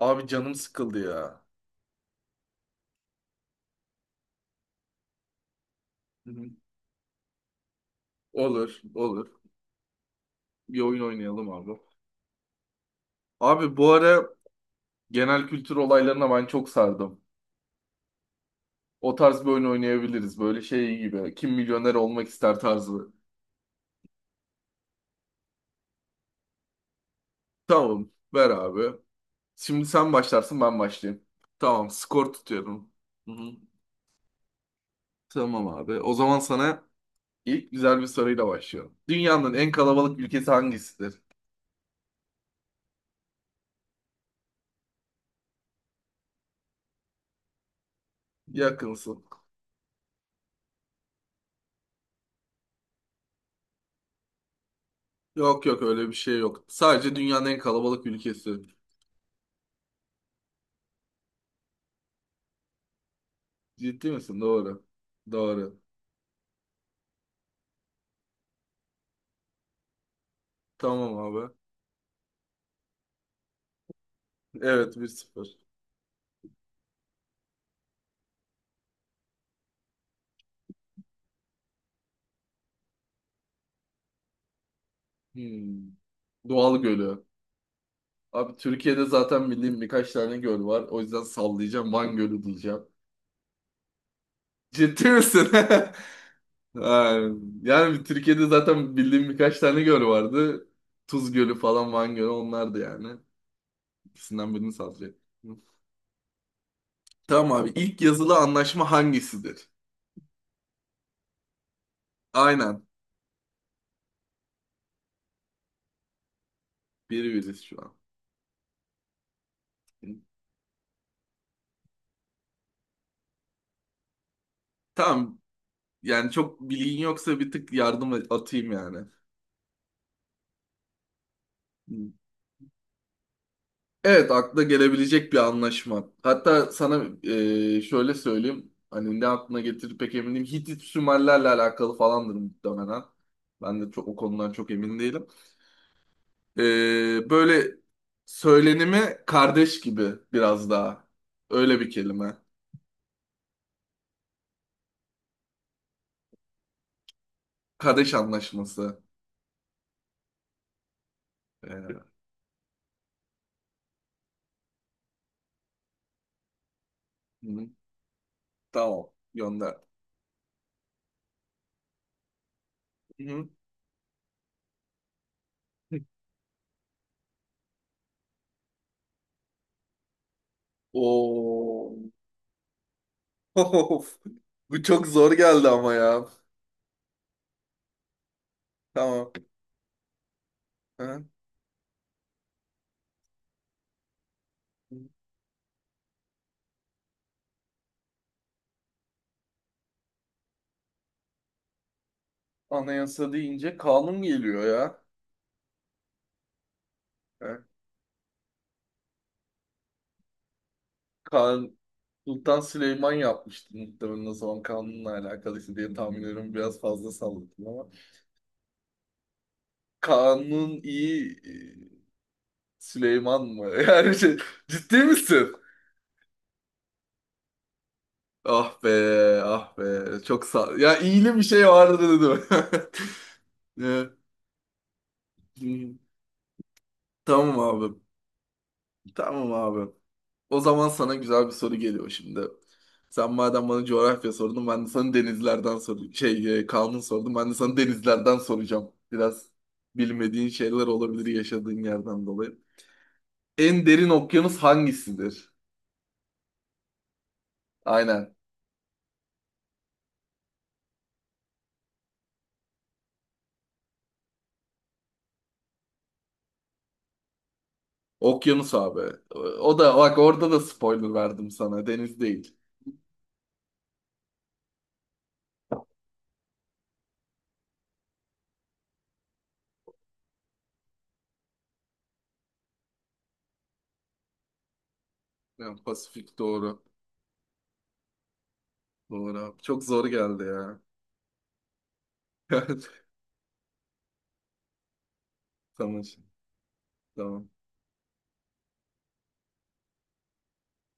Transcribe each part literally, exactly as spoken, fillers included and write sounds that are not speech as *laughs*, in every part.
Abi canım sıkıldı ya. Hı hı. Olur, olur. Bir oyun oynayalım abi. Abi bu ara genel kültür olaylarına ben çok sardım. O tarz bir oyun oynayabiliriz. Böyle şey gibi. Kim milyoner olmak ister tarzı. Tamam, ver abi. Şimdi sen başlarsın, ben başlayayım. Tamam, skor tutuyorum. Hı hı. Tamam abi. O zaman sana ilk güzel bir soruyla başlıyorum. Dünyanın en kalabalık ülkesi hangisidir? Yakınsın. Yok yok, öyle bir şey yok. Sadece dünyanın en kalabalık ülkesi. Ciddi misin? Doğru. Doğru. Tamam abi. Evet, bir sıfır. Hmm. Doğal gölü. Abi Türkiye'de zaten bildiğim birkaç tane göl var. O yüzden sallayacağım. Van Gölü diyeceğim. Ciddi misin? *laughs* Ha, yani Türkiye'de zaten bildiğim birkaç tane göl vardı. Tuz Gölü falan Van Gölü onlardı yani. İkisinden birini sallayacağım. Tamam abi. İlk yazılı anlaşma hangisidir? Aynen. Birbiriz şu an. Tamam. Yani çok bilgin yoksa bir tık yardım atayım yani. Evet, akla gelebilecek bir anlaşma. Hatta sana e, şöyle söyleyeyim. Hani ne aklına getirir pek emin değilim. Hitit Sümerlerle alakalı falandır muhtemelen. Ben de çok, o konudan çok emin değilim. E, böyle söylenimi kardeş gibi biraz daha. Öyle bir kelime. Kardeş anlaşması. E, hı tamam. Gönder. Hı Oo. *laughs* Bu çok zor geldi ama ya. Tamam. Hı. Anayasa deyince kanun geliyor ya. Yani kan, Sultan Süleyman yapmıştı muhtemelen, o zaman kanunla alakalıydı diye tahmin ediyorum. Biraz fazla salladım ama. Kanun iyi e, Süleyman mı? *laughs* Yani şey, ciddi misin? Ah be, ah be. Çok sağ... Ya iyili bir şey vardı dedim. *laughs* Ya, hı, Tamam abi. Tamam abi. O zaman sana güzel bir soru geliyor şimdi. Sen madem bana coğrafya sordun, ben de sana denizlerden sordum. Şey, e, kanun sordum, ben de sana denizlerden soracağım. Biraz bilmediğin şeyler olabilir yaşadığın yerden dolayı. En derin okyanus hangisidir? Aynen. Okyanus abi. O da bak, orada da spoiler verdim sana. Deniz değil. Yani Pasifik doğru. Doğru abi. Çok zor geldi ya. *laughs* Tamam. Tamam.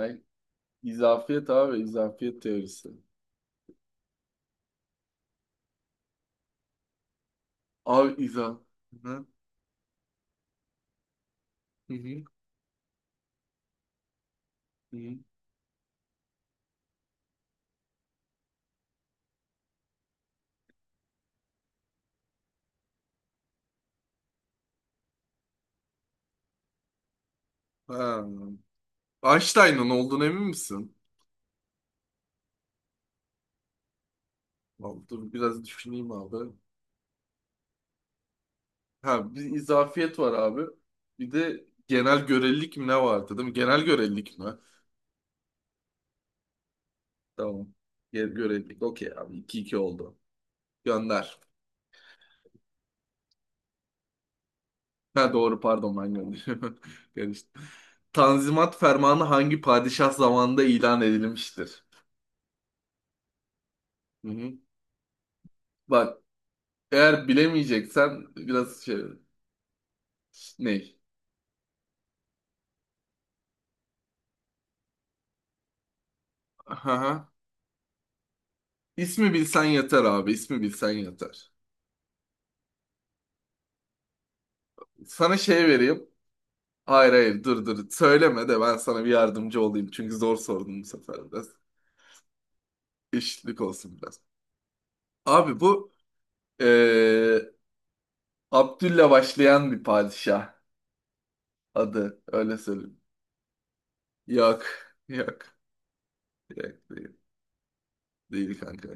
Ay, izafiyet abi. İzafiyet teorisi. Abi izah. Hı hı. Hı hı. Ha. Einstein'ın olduğunu emin misin? Vallahi dur biraz düşüneyim abi. Ha, bir izafiyet var abi. Bir de genel görelilik mi ne vardı değil mi? Genel görelilik mi? Tamam. Ge- Görelilik okey abi, iki iki oldu. Gönder. Ha doğru, pardon, ben gönderiyorum. *laughs* Karıştı. Tanzimat Fermanı hangi padişah zamanında ilan edilmiştir? Hı hı. Bak, eğer bilemeyeceksen biraz şey ne? Aha. İsmi bilsen yeter abi. İsmi bilsen yeter. Sana şey vereyim. Hayır hayır, dur dur. Söyleme de ben sana bir yardımcı olayım. Çünkü zor sordum bu sefer biraz. Eşitlik olsun biraz. Abi bu eee Abdül'le başlayan bir padişah adı. Öyle söyleyeyim. Yok. Yok. Yok değil. Değil kanka.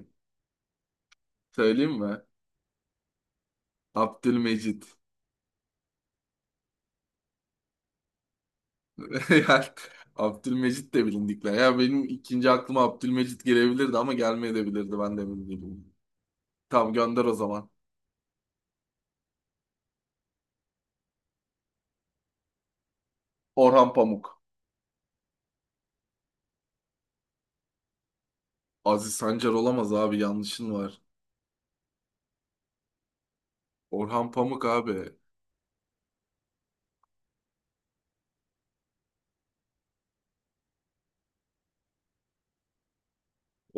Söyleyeyim mi? Abdülmecit. *laughs* Yani Abdülmecit de bilindikler. Ya benim ikinci aklıma Abdülmecit gelebilirdi ama gelmeyebilirdi. Ben de emin değilim. Tamam, gönder o zaman. Orhan Pamuk. Aziz Sancar olamaz abi, yanlışın var. Orhan Pamuk abi.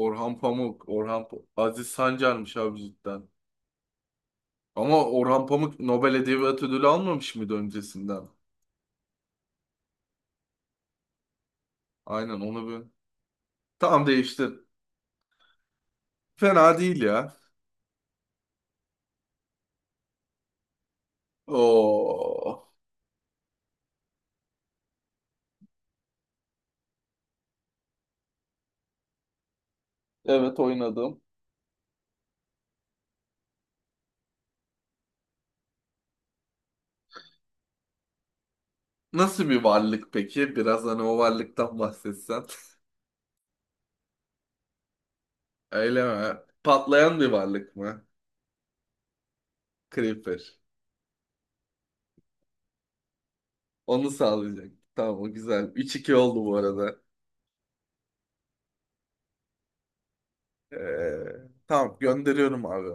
Orhan Pamuk. Orhan Pa- Aziz Sancar'mış abi cidden. Ama Orhan Pamuk Nobel Edebiyat Ödülü almamış mıydı öncesinden? Aynen onu bir... Tamam, değiştir. Fena değil ya. Oo. Evet, oynadım. Nasıl bir varlık peki? Biraz hani o varlıktan bahsetsen. *laughs* Öyle mi? Patlayan bir varlık mı? Creeper. Onu sağlayacak. Tamam, o güzel. Üç iki oldu bu arada. Ee, tamam, gönderiyorum abi.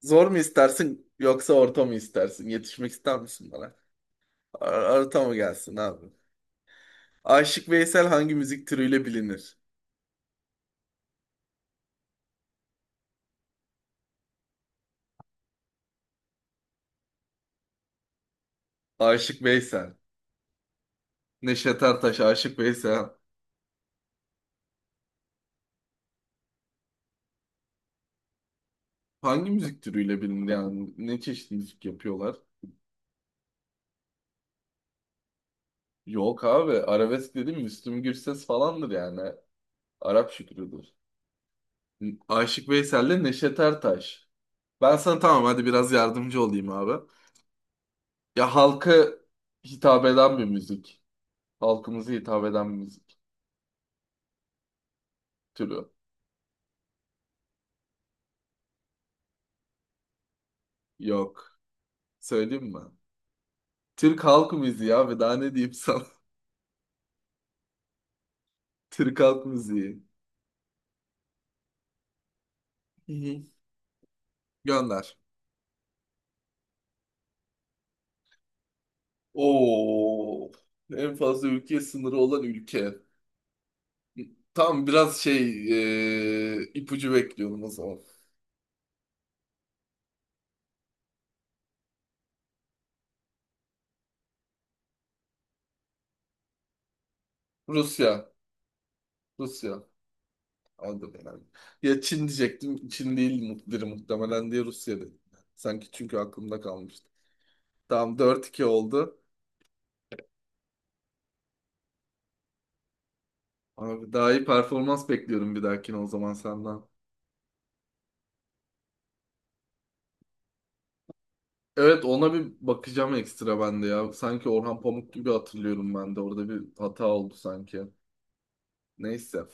Zor mu istersin yoksa orta mı istersin? Yetişmek ister misin bana? Ar- Orta mı gelsin abi? Aşık Veysel hangi müzik türüyle bilinir? Aşık Veysel. Neşet Ertaş, Aşık Veysel. Hangi müzik türüyle bilinir yani? Ne çeşit müzik yapıyorlar? Yok abi. Arabesk dedim, Müslüm Gürses falandır yani. Arap şükrüdür. Aşık Veysel'le Neşet Ertaş. Ben sana tamam, hadi biraz yardımcı olayım abi. Ya, halka hitap eden bir müzik. Halkımıza hitap eden bir müzik türü. Yok. Söyleyeyim mi? Türk halk müziği abi, daha ne diyeyim sana? *laughs* Türk halk müziği. Hı hı. Gönder. Oo. En fazla ülke sınırı olan ülke. Tam biraz şey e, ipucu bekliyorum o zaman. Rusya. Rusya. Aldım yani. Ya Çin diyecektim. Çin değil mu- biri muhtemelen diye Rusya dedim. Sanki çünkü aklımda kalmıştı. Tamam, dört iki oldu. Abi, daha iyi performans bekliyorum bir dahakine o zaman senden. Evet, ona bir bakacağım ekstra ben de ya. Sanki Orhan Pamuk gibi hatırlıyorum ben de. Orada bir hata oldu sanki. Neyse.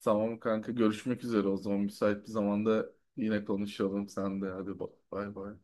Tamam kanka, görüşmek üzere o zaman. Müsait bir zamanda yine konuşalım sen de. Hadi ba- bay bay.